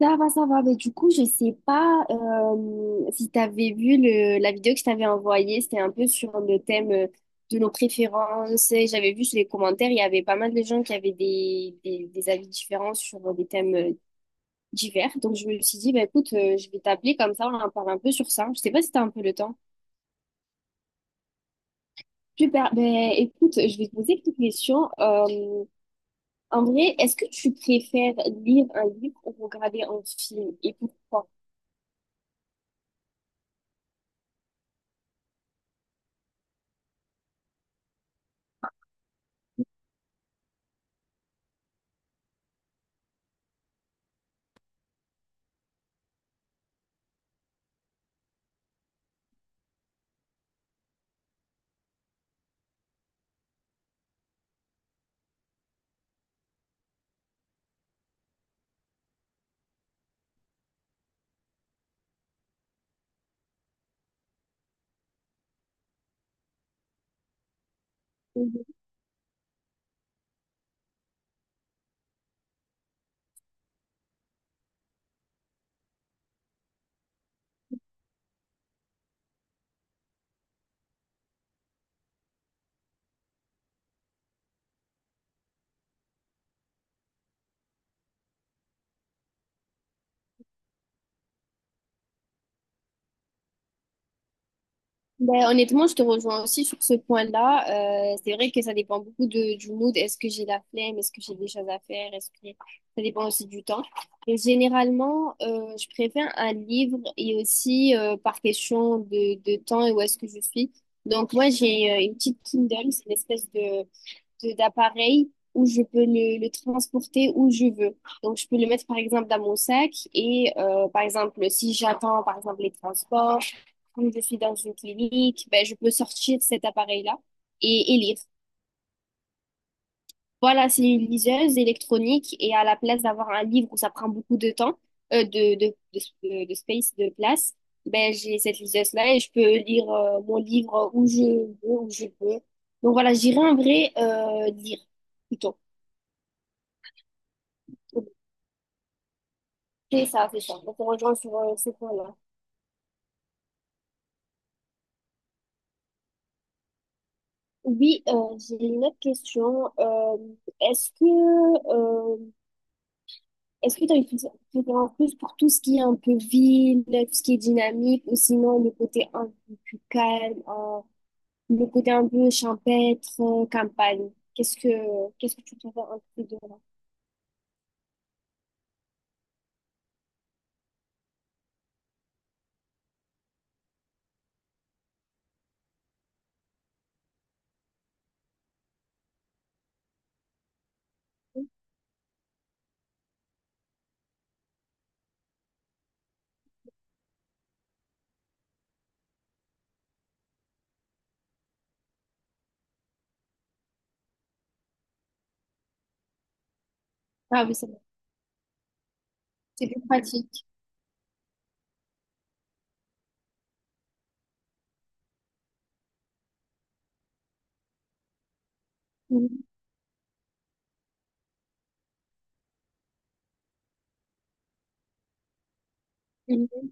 Ça va, ça va. Mais du coup, je sais pas si tu avais vu la vidéo que je t'avais envoyée. C'était un peu sur le thème de nos préférences. J'avais vu sur les commentaires, il y avait pas mal de gens qui avaient des avis différents sur des thèmes divers. Donc, je me suis dit, bah, écoute, je vais t'appeler comme ça, on en parle un peu sur ça. Je sais pas si tu as un peu le temps. Super. Ben, écoute, je vais te poser quelques questions. En vrai, est-ce que tu préfères lire un livre ou regarder un film, et pourquoi? Ben, honnêtement, je te rejoins aussi sur ce point-là. C'est vrai que ça dépend beaucoup du mood. Est-ce que j'ai la flemme? Est-ce que j'ai des choses à faire? Est-ce que ça dépend aussi du temps. Et généralement, je préfère un livre, et aussi par question de temps et où est-ce que je suis. Donc moi, j'ai une petite Kindle, c'est une espèce de d'appareil où je peux le transporter où je veux. Donc, je peux le mettre, par exemple, dans mon sac et, par exemple, si j'attends, par exemple, les transports ou je suis dans une clinique, ben, je peux sortir cet appareil-là et lire. Voilà, c'est une liseuse électronique, et à la place d'avoir un livre où ça prend beaucoup de temps, de space, de place, ben, j'ai cette liseuse-là et je peux lire, mon livre où je veux, où je peux. Donc voilà, j'irai en vrai, lire plutôt. C'est ça, c'est ça. On se rejoint sur ce point-là. Oui, j'ai une autre question. Est-ce que euh, est-ce que tu as une préférence plus pour tout ce qui est un peu ville, tout ce qui est dynamique, ou sinon le côté un peu plus calme, le côté un peu champêtre, campagne? Qu'est-ce que tu préfères un peu de là? Ah oui, c'est bon. C'est plus pratique. Mhm. Mhm.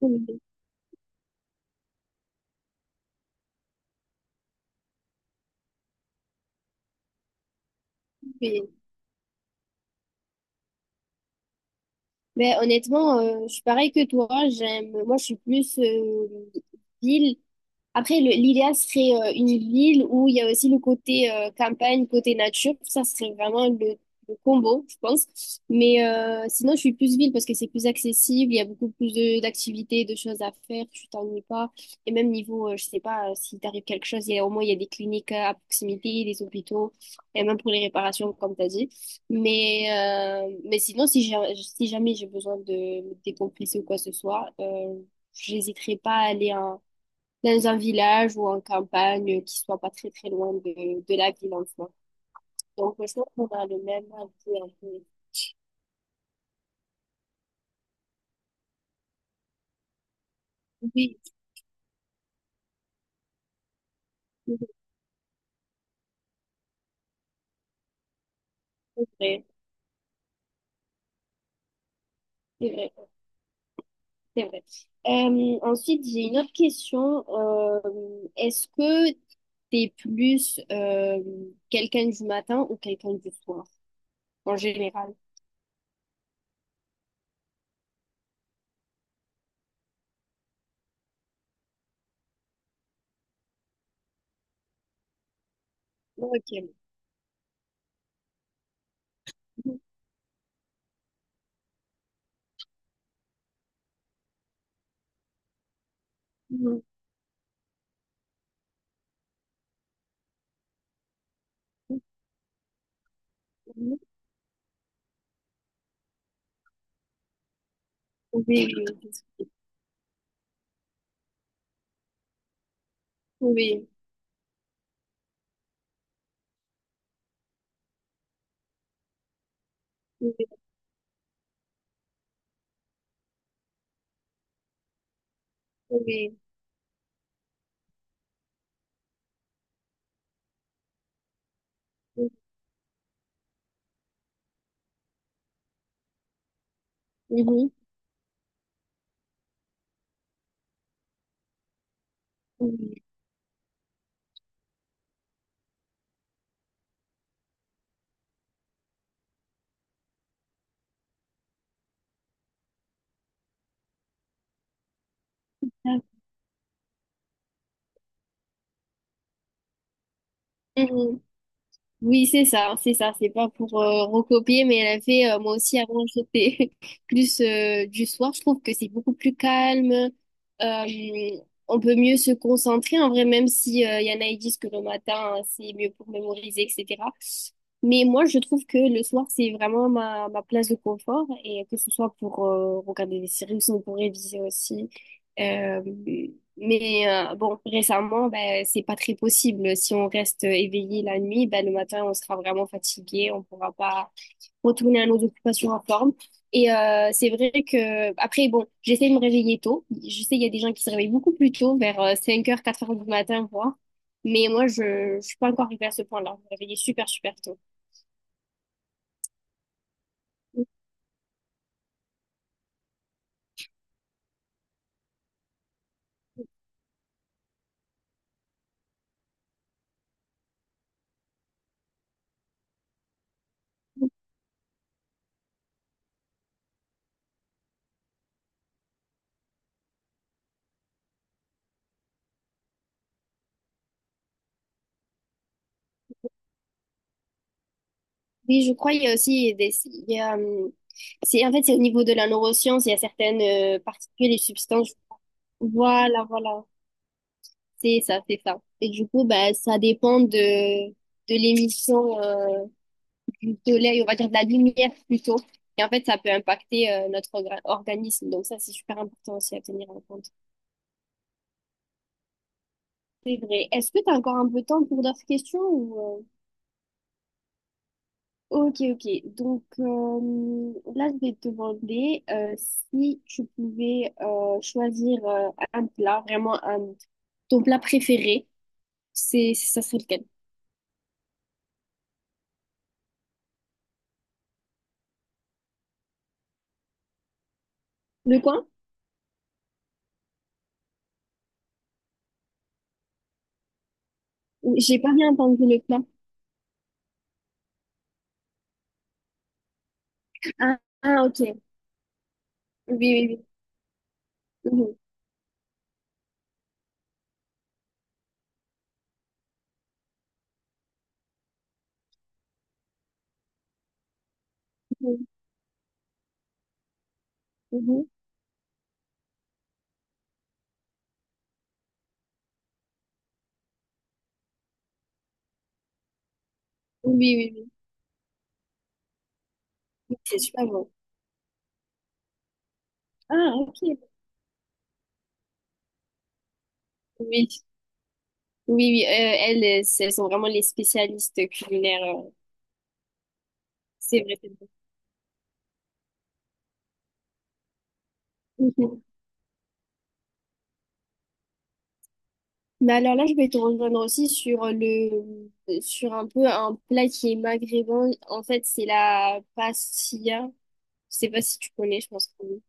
Mhm. Oui. Mais honnêtement, je suis pareil que toi. J'aime, moi, je suis plus ville. Après, l'idéal serait une ville où il y a aussi le côté campagne, côté nature. Ça serait vraiment le combo, je pense. Mais sinon, je suis plus ville parce que c'est plus accessible. Il y a beaucoup plus d'activités, de choses à faire. Tu t'ennuies pas. Et même niveau, je sais pas, s'il t'arrive quelque chose, il y a, au moins il y a des cliniques à proximité, des hôpitaux, et même pour les réparations, comme tu as dit. Mais sinon, si jamais j'ai besoin de me décompresser ou quoi que ce soit, j'hésiterai pas à aller dans un village ou en campagne qui soit pas très très loin de la ville en soi. Donc je pense qu'on a le même avis un peu. Oui, c'est vrai, c'est vrai, c'est vrai. Ensuite, j'ai une autre question. Est-ce que t'es plus quelqu'un du matin ou quelqu'un du soir en général? Ok. Mhm. Mhm. Oui, oui, oui, oui, oui, oui. Mhm. Mhm. Oui, c'est ça, c'est ça. C'est pas pour recopier, mais elle a fait, moi aussi, avant, j'étais plus du soir. Je trouve que c'est beaucoup plus calme. Euh, on peut mieux se concentrer, en vrai, même si y en a qui disent que le matin, hein, c'est mieux pour mémoriser, etc. Mais moi, je trouve que le soir, c'est vraiment ma place de confort, et que ce soit pour regarder des séries ou sinon pour réviser aussi. Euh, mais bon, récemment, ben, c'est pas très possible. Si on reste éveillé la nuit, ben, le matin, on sera vraiment fatigué. On pourra pas retourner à nos occupations en forme. Et c'est vrai que, après, bon, j'essaie de me réveiller tôt. Je sais, il y a des gens qui se réveillent beaucoup plus tôt, vers 5 heures, 4 heures du matin, voire. Mais moi, je suis pas encore arrivée à ce point-là. Je me réveille super, super tôt. Oui, je crois qu'il y a aussi des, il y a, c'est, en fait, c'est au niveau de la neuroscience, il y a certaines particules et substances. Voilà, voilà. C'est ça, c'est ça. Et du coup, bah, ça dépend de l'émission du soleil, on va dire de la lumière plutôt. Et en fait, ça peut impacter notre organisme. Donc ça, c'est super important aussi à tenir en compte. C'est vrai. Est-ce que tu as encore un peu de temps pour d'autres questions, ou Ok, ok. Donc là, je vais te demander si tu pouvais choisir un plat, vraiment un… ton plat préféré, c'est, ça serait lequel? Le quoi? J'ai pas bien entendu le plat. Ah, ah, ok. Oui, oui, oui. Mhm, mhm, mhm. Oui, oui, oui. Oui, c'est super bon. Ah, ok. Oui, oui, oui. Euh, elles, c'est- elles sont vraiment les spécialistes culinaires. Euh. C'est vrai, c'est vrai. Mhm. Mais alors là, je vais te rejoindre aussi sur sur un peu un plat qui est maghrébin. En fait, c'est la pastilla. Je sais pas si tu connais, je pense que oui.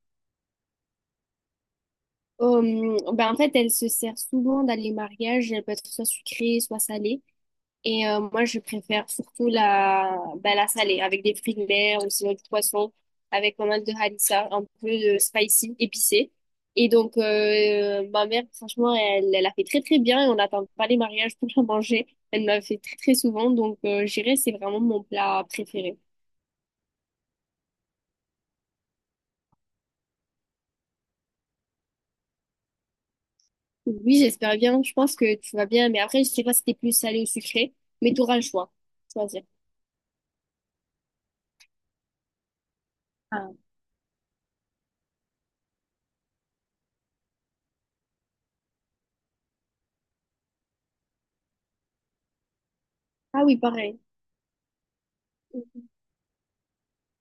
Ben en fait, elle se sert souvent dans les mariages. Elle peut être soit sucrée, soit salée. Et moi, je préfère surtout bah, la salée, avec des fruits de mer ou sinon du poisson, avec pas mal de harissa, un peu de spicy, épicé. Et donc, ma mère, franchement, elle a fait très très bien et on n'attend pas les mariages pour la manger. Elle m'a fait très très souvent, donc je dirais c'est vraiment mon plat préféré. Oui, j'espère bien, je pense que tu vas bien, mais après, je sais pas si t'es plus salé ou sucré, mais tu auras le choix, choisir. Ah. Ah oui, pareil. Oui,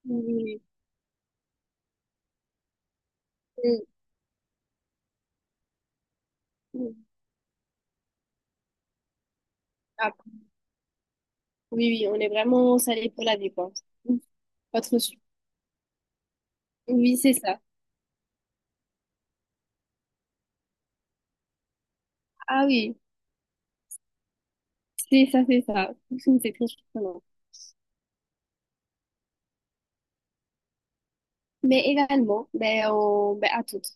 oui, oui. Mm, mm. Ah, oui, oui, on est vraiment salé pour la vie, quoi. Pas trop su- Oui, c'est ça. Ah oui, c'est ça, c'est ça. C'est très surprenant. Mais également, ben, on, ben, à toutes.